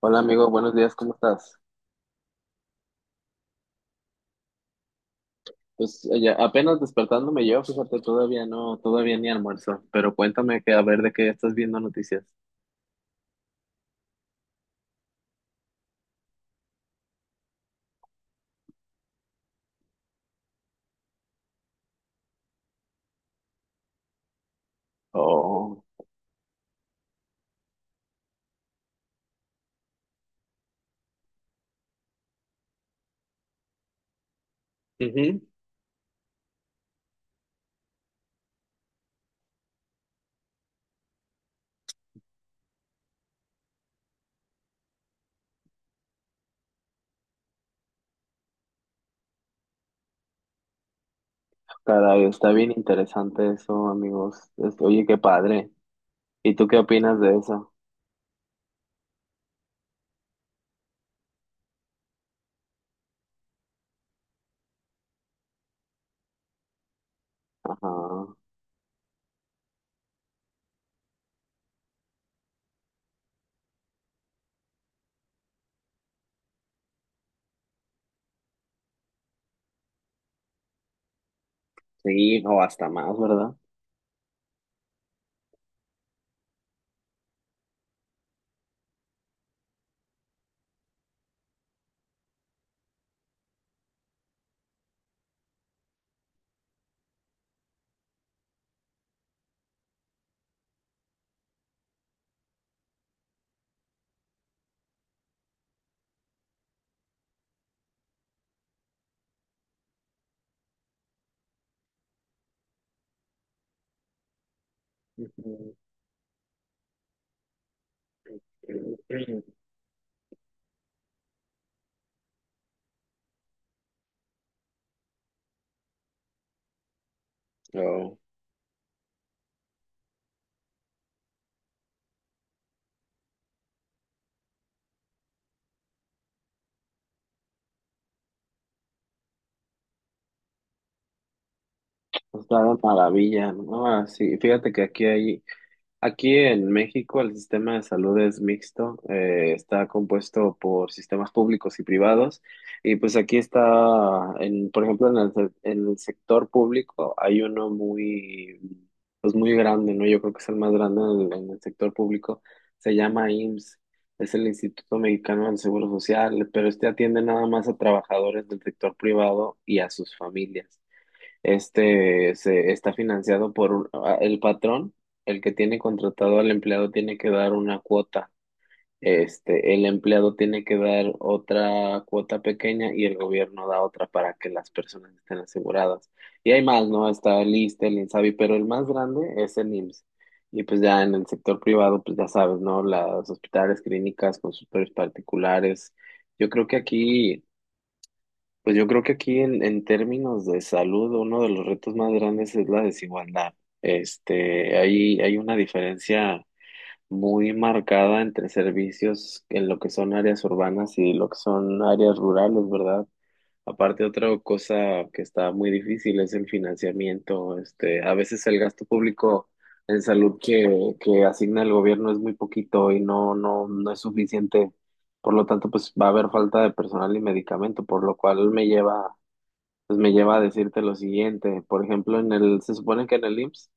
Hola amigo, buenos días, ¿cómo estás? Ya apenas despertándome yo, fíjate, todavía ni almuerzo, pero cuéntame que a ver de qué estás viendo noticias. Oh. Ujú. Caray, está bien interesante eso, amigos. Oye, qué padre. ¿Y tú qué opinas de eso? Ajá. Sí, o hasta más, ¿verdad? Ujú. Oh. Está de maravilla, ¿no? Ah, sí, fíjate que aquí hay Aquí en México el sistema de salud es mixto, está compuesto por sistemas públicos y privados y pues aquí está, por ejemplo, en el sector público hay uno muy, pues muy grande, ¿no? Yo creo que es el más grande en el sector público, se llama IMSS, es el Instituto Mexicano del Seguro Social, pero este atiende nada más a trabajadores del sector privado y a sus familias. Este se está financiado por un- a- El patrón, el que tiene contratado al empleado, tiene que dar una cuota, este, el empleado tiene que dar otra cuota pequeña y el gobierno da otra para que las personas estén aseguradas. Y hay más, ¿no? Está el ISSSTE, el INSABI, pero el más grande es el IMSS. Y pues ya en el sector privado, pues ya sabes, ¿no? Las hospitales, clínicas, consultorios particulares. Yo creo que aquí pues yo creo que aquí en términos de salud, uno de los retos más grandes es la desigualdad. Este, hay una diferencia muy marcada entre servicios en lo que son áreas urbanas y lo que son áreas rurales, ¿verdad? Aparte, otra cosa que está muy difícil es el financiamiento. Este, a veces el gasto público en salud que asigna el gobierno es muy poquito y no es suficiente. Por lo tanto, pues va a haber falta de personal y medicamento, por lo cual me lleva a decirte lo siguiente, por ejemplo, se supone que en el IMSS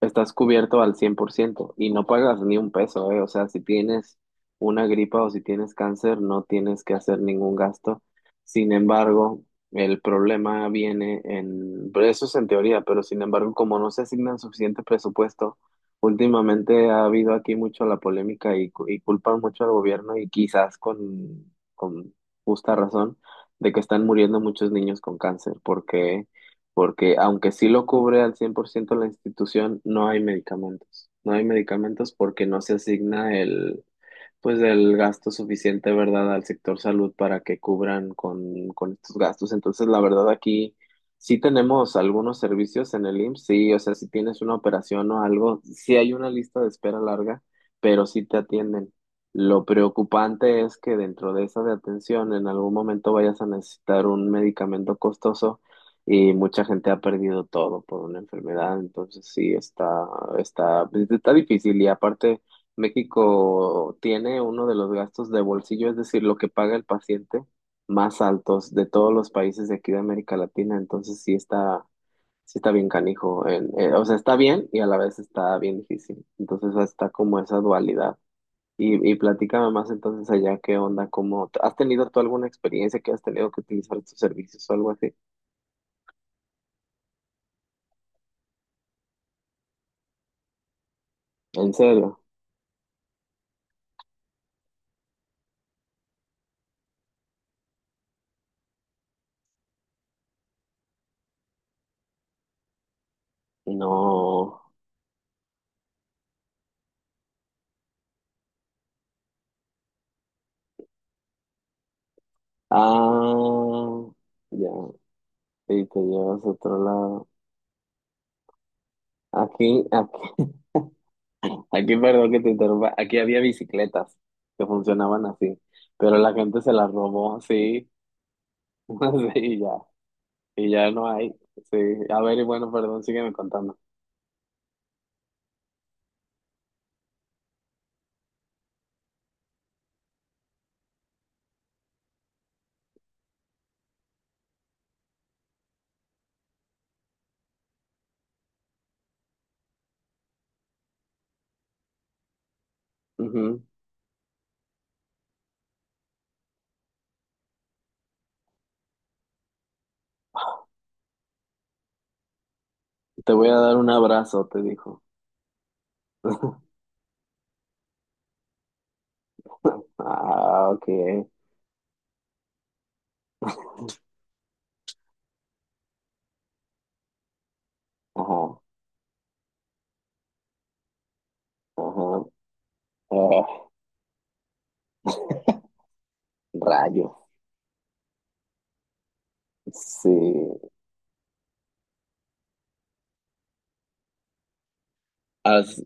estás cubierto al 100% y no pagas ni un peso, ¿eh? O sea, si tienes una gripa o si tienes cáncer, no tienes que hacer ningún gasto. Sin embargo, el problema viene en... pero Eso es en teoría, pero sin embargo, como no se asignan suficiente presupuesto, últimamente ha habido aquí mucho la polémica y y culpan mucho al gobierno y quizás con justa razón de que están muriendo muchos niños con cáncer, porque aunque sí lo cubre al 100% la institución, no hay medicamentos. No hay medicamentos porque no se asigna el, pues del gasto suficiente, ¿verdad?, al sector salud para que cubran con estos gastos. Entonces, la verdad, aquí sí tenemos algunos servicios en el IMSS, sí, o sea, si tienes una operación o algo, sí hay una lista de espera larga, pero sí te atienden. Lo preocupante es que dentro de esa de atención en algún momento vayas a necesitar un medicamento costoso y mucha gente ha perdido todo por una enfermedad, entonces está, pues, está difícil y aparte México tiene uno de los gastos de bolsillo, es decir, lo que paga el paciente, más altos de todos los países de aquí de América Latina. Entonces sí está bien canijo. O sea, está bien y a la vez está bien difícil. Entonces está como esa dualidad. Y platícame más entonces allá qué onda, cómo, ¿has tenido tú alguna experiencia que has tenido que utilizar estos servicios o algo así? ¿En serio? No. Ah, ya. Y te llevas a otro lado. Aquí, aquí. Aquí, perdón que te interrumpa, aquí había bicicletas que funcionaban así, pero la gente se las robó, sí, sí, y ya no hay, sí. A ver, y bueno, perdón, sígueme contando. Ujú. Te voy a dar un abrazo, te dijo. Ah, ok. Ajá, ajá. Ah, rayos, sí. As-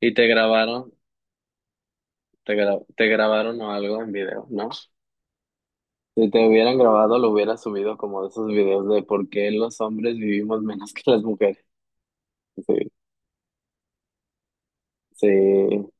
¿Y te grabaron, te grabaron o algo en video, no? Si te hubieran grabado, lo hubieras subido como de esos videos de por qué los hombres vivimos menos que las mujeres. Sí, sí,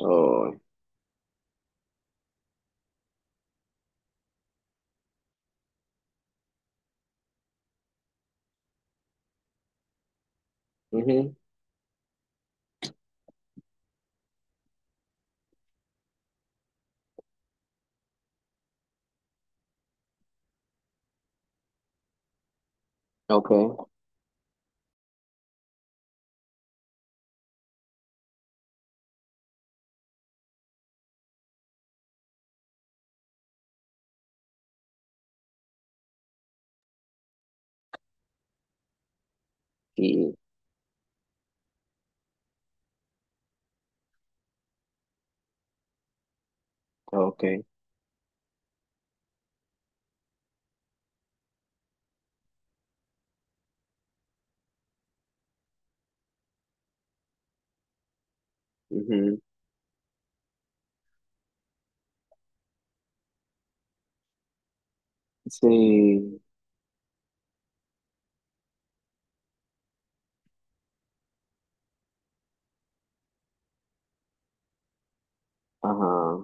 oh, ujú, ok, y, ok, ujú, sí, ajá,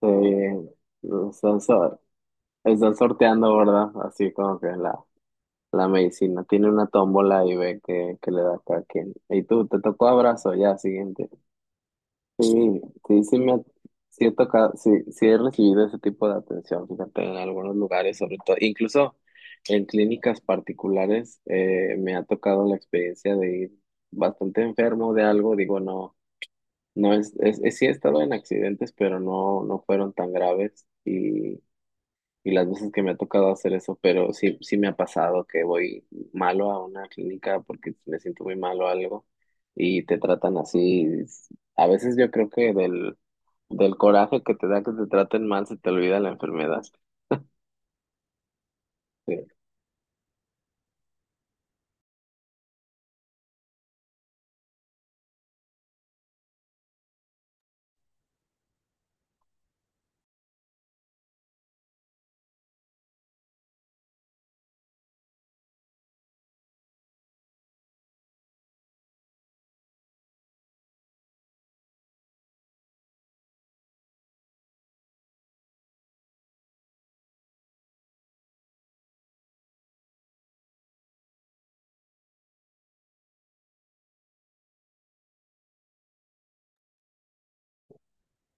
sí, están, so- están sorteando, ¿verdad? Así como que la medicina tiene una tómbola y ve que le da a cada quien. Y tú, te tocó abrazo, ya, siguiente. Sí, sí, sí, sí he tocado, sí, sí he recibido ese tipo de atención, fíjate, en algunos lugares, sobre todo, incluso en clínicas particulares, me ha tocado la experiencia de ir bastante enfermo de algo, digo, no es, sí he estado en accidentes, pero no fueron tan graves y las veces que me ha tocado hacer eso, pero sí, sí me ha pasado que voy malo a una clínica porque me siento muy mal o algo y te tratan así. A veces yo creo que del coraje que te da que te traten mal se te olvida la enfermedad. Sí.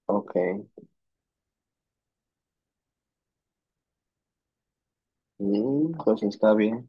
Ok. Mm, pues está bien.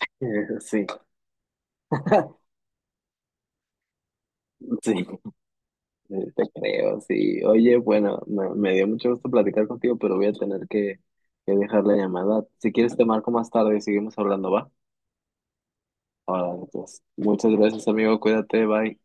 Sí, sí, te creo, sí. Oye, bueno, me dio mucho gusto platicar contigo, pero voy a tener que dejar la llamada. Si quieres te marco más tarde y seguimos hablando, ¿va? Ahora, pues, muchas gracias, amigo. Cuídate, bye.